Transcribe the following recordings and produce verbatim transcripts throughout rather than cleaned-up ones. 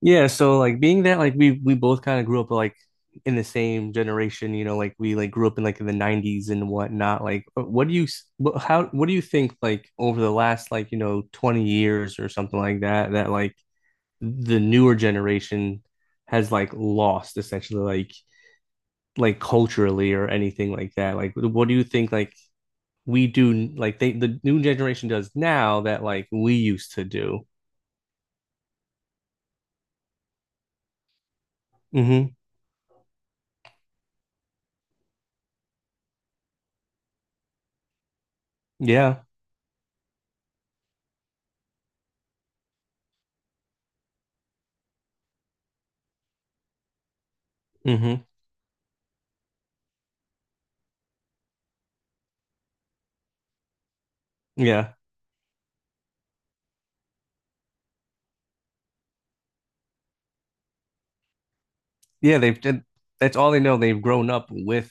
Yeah, so like being that like we we both kind of grew up like in the same generation, you know, like we like grew up in like in the nineties and whatnot. Like uh, what do you s- what, how what do you think, like over the last, like, you know, twenty years or something like that, that like the newer generation has like lost essentially, like like culturally or anything like that. Like what do you think like we do like they the new generation does now that like we used to do? Mm-hmm. Yeah. Mm-hmm. Yeah. yeah, they've did That's all they know. They've grown up with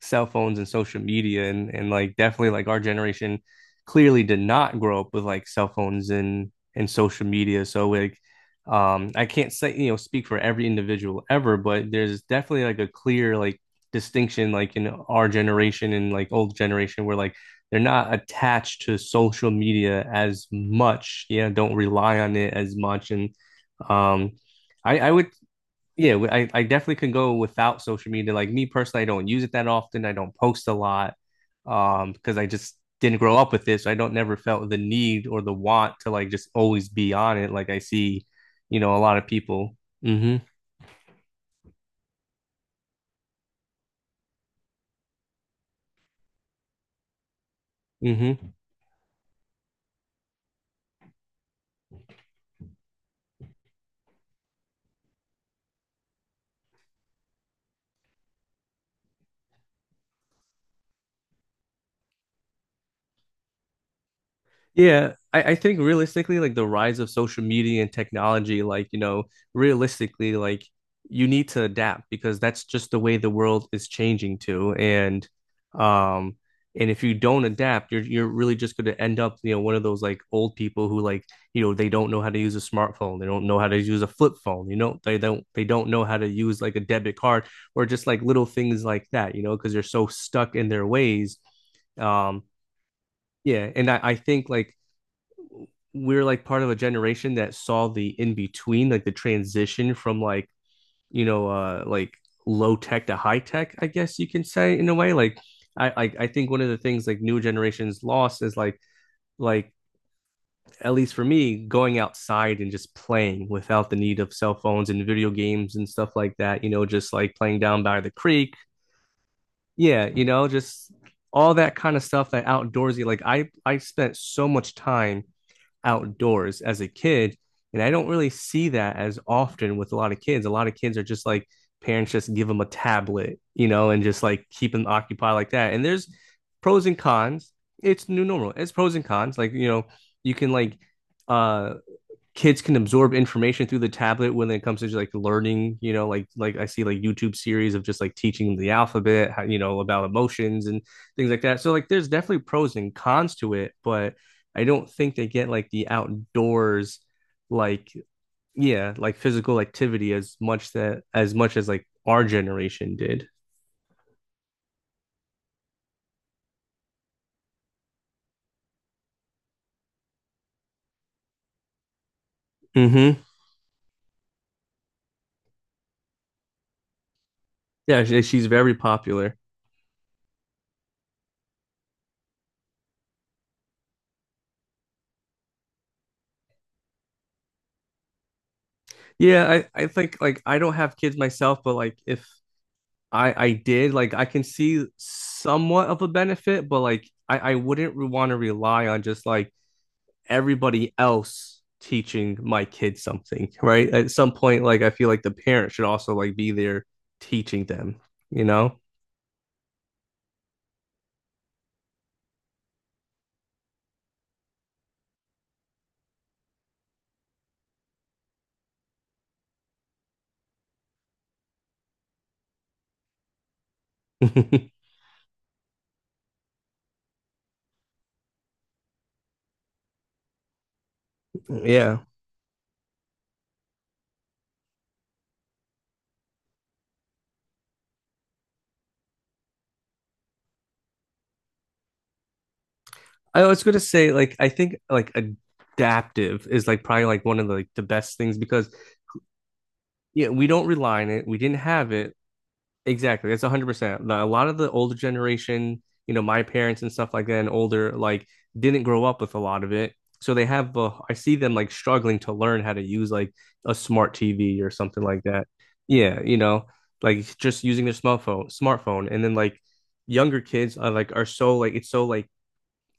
cell phones and social media, and and like definitely like our generation clearly did not grow up with like cell phones and and social media. So like um I can't say, you know speak for every individual ever, but there's definitely like a clear like distinction like in our generation and like old generation where like they're not attached to social media as much. Yeah, don't rely on it as much. And um I, I would, yeah, I, I definitely can go without social media. Like me personally, I don't use it that often. I don't post a lot, um, because I just didn't grow up with this. So I don't, never felt the need or the want to like just always be on it. Like I see, you know, a lot of people. Mm-hmm. Mm-hmm. Yeah, I, I think realistically, like the rise of social media and technology, like, you know, realistically, like you need to adapt because that's just the way the world is changing to. And um and if you don't adapt, you're you're really just gonna end up, you know, one of those like old people who like, you know, they don't know how to use a smartphone, they don't know how to use a flip phone, you know, they don't they don't know how to use like a debit card or just like little things like that, you know, because they're so stuck in their ways. Um, yeah, and I, I think like we're like part of a generation that saw the in between, like the transition from like, you know, uh like low tech to high tech, I guess you can say in a way. Like I I, I think one of the things like new generations lost is like like at least for me, going outside and just playing without the need of cell phones and video games and stuff like that, you know, just like playing down by the creek. Yeah, you know, just all that kind of stuff, that outdoorsy, like I I spent so much time outdoors as a kid. And I don't really see that as often with a lot of kids. A lot of kids are just like, parents just give them a tablet, you know, and just like keep them occupied like that. And there's pros and cons. It's new normal. It's pros and cons. Like, you know, you can like uh kids can absorb information through the tablet when it comes to just like learning, you know, like like I see like YouTube series of just like teaching them the alphabet, how, you know, about emotions and things like that. So like there's definitely pros and cons to it, but I don't think they get like the outdoors, like yeah like physical activity as much, that as much as like our generation did. Mm-hmm. Yeah, she, she's very popular. Yeah, I, I think like I don't have kids myself, but like if I I did, like I can see somewhat of a benefit, but like I I wouldn't re- want to rely on just like everybody else teaching my kids something, right? At some point, like I feel like the parent should also like be there teaching them, you know? Yeah. I was gonna say like I think like adaptive is like probably like one of the like the best things because yeah, we don't rely on it. We didn't have it. Exactly. That's one hundred percent. A lot of the older generation, you know, my parents and stuff like that and older, like didn't grow up with a lot of it. So they have, uh, I see them like struggling to learn how to use like a smart T V or something like that. Yeah, you know, like just using their smartphone, smartphone. And then like younger kids are like, are so like, it's so like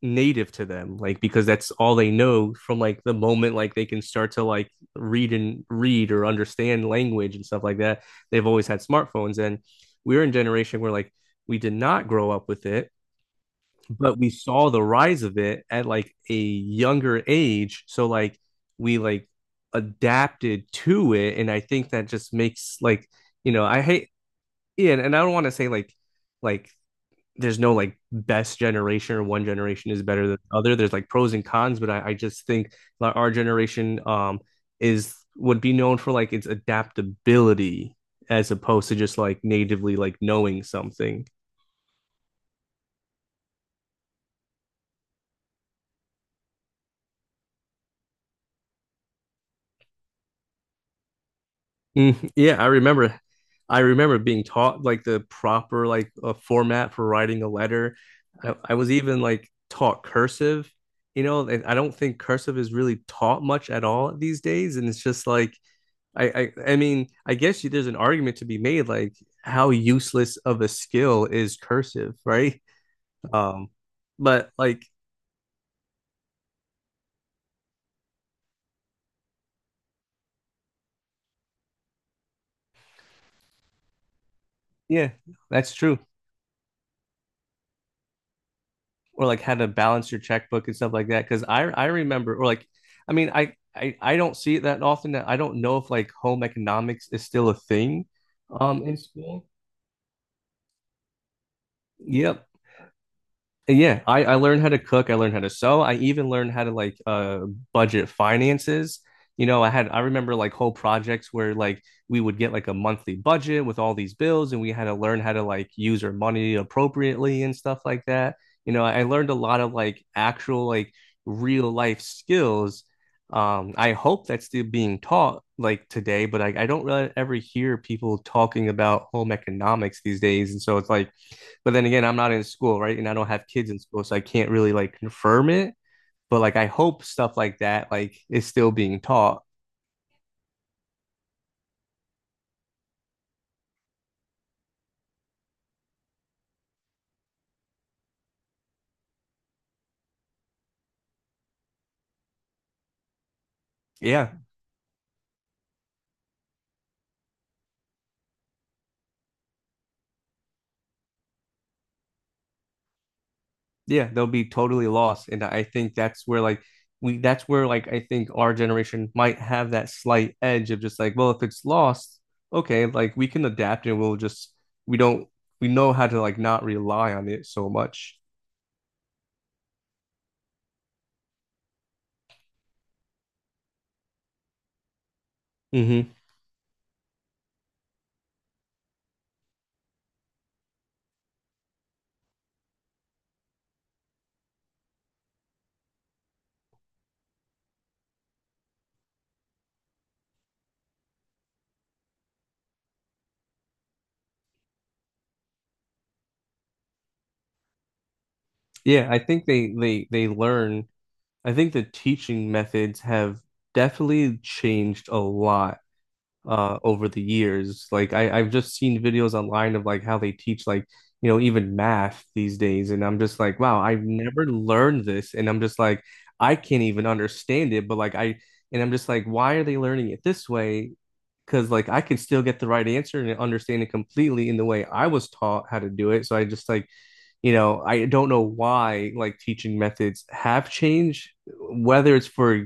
native to them, like because that's all they know from like the moment like they can start to like read and read or understand language and stuff like that, they've always had smartphones. And we are in generation where like we did not grow up with it, but we saw the rise of it at like a younger age, so like we like adapted to it. And I think that just makes like, you know, I hate, yeah, and I don't want to say like, like there's no like best generation or one generation is better than the other. There's like pros and cons, but I, I just think like our generation um is, would be known for like its adaptability as opposed to just like natively like knowing something. Mhm. Yeah, I remember, I remember being taught like the proper like uh, format for writing a letter. I, I was even like taught cursive, you know, and I don't think cursive is really taught much at all these days. And it's just like I, I I mean, I guess you, there's an argument to be made, like how useless of a skill is cursive, right? Um, but like, yeah, that's true. Or like how to balance your checkbook and stuff like that. Because I I remember, or like, I mean, I, I I don't see it that often. That I don't know if like home economics is still a thing, um, in school. Yep. Yeah, I, I learned how to cook. I learned how to sew. I even learned how to like uh budget finances. You know, I had I remember like whole projects where like we would get like a monthly budget with all these bills and we had to learn how to like use our money appropriately and stuff like that. You know, I learned a lot of like actual like real life skills. Um, I hope that's still being taught like today, but I, I don't really ever hear people talking about home economics these days. And so it's like, but then again, I'm not in school, right? And I don't have kids in school, so I can't really like confirm it. But like I hope stuff like that like is still being taught. Yeah. Yeah, they'll be totally lost. And I think that's where like we that's where like I think our generation might have that slight edge of just like, well, if it's lost, okay, like we can adapt and we'll just, we don't we know how to like not rely on it so much. Hmm. Yeah, I think they they they learn, I think the teaching methods have definitely changed a lot uh over the years. Like I, I've just seen videos online of like how they teach like, you know, even math these days. And I'm just like, wow, I've never learned this. And I'm just like, I can't even understand it. But like I, and I'm just like, why are they learning it this way? Because like I can still get the right answer and understand it completely in the way I was taught how to do it. So I just like, you know, I don't know why like teaching methods have changed, whether it's for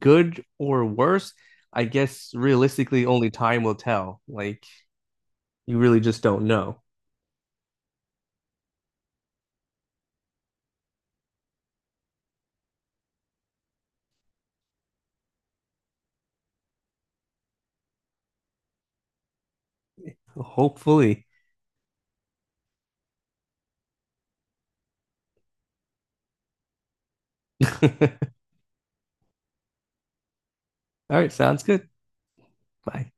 good or worse. I guess realistically, only time will tell. Like, you really just don't know. Hopefully. All right, sounds good. Bye.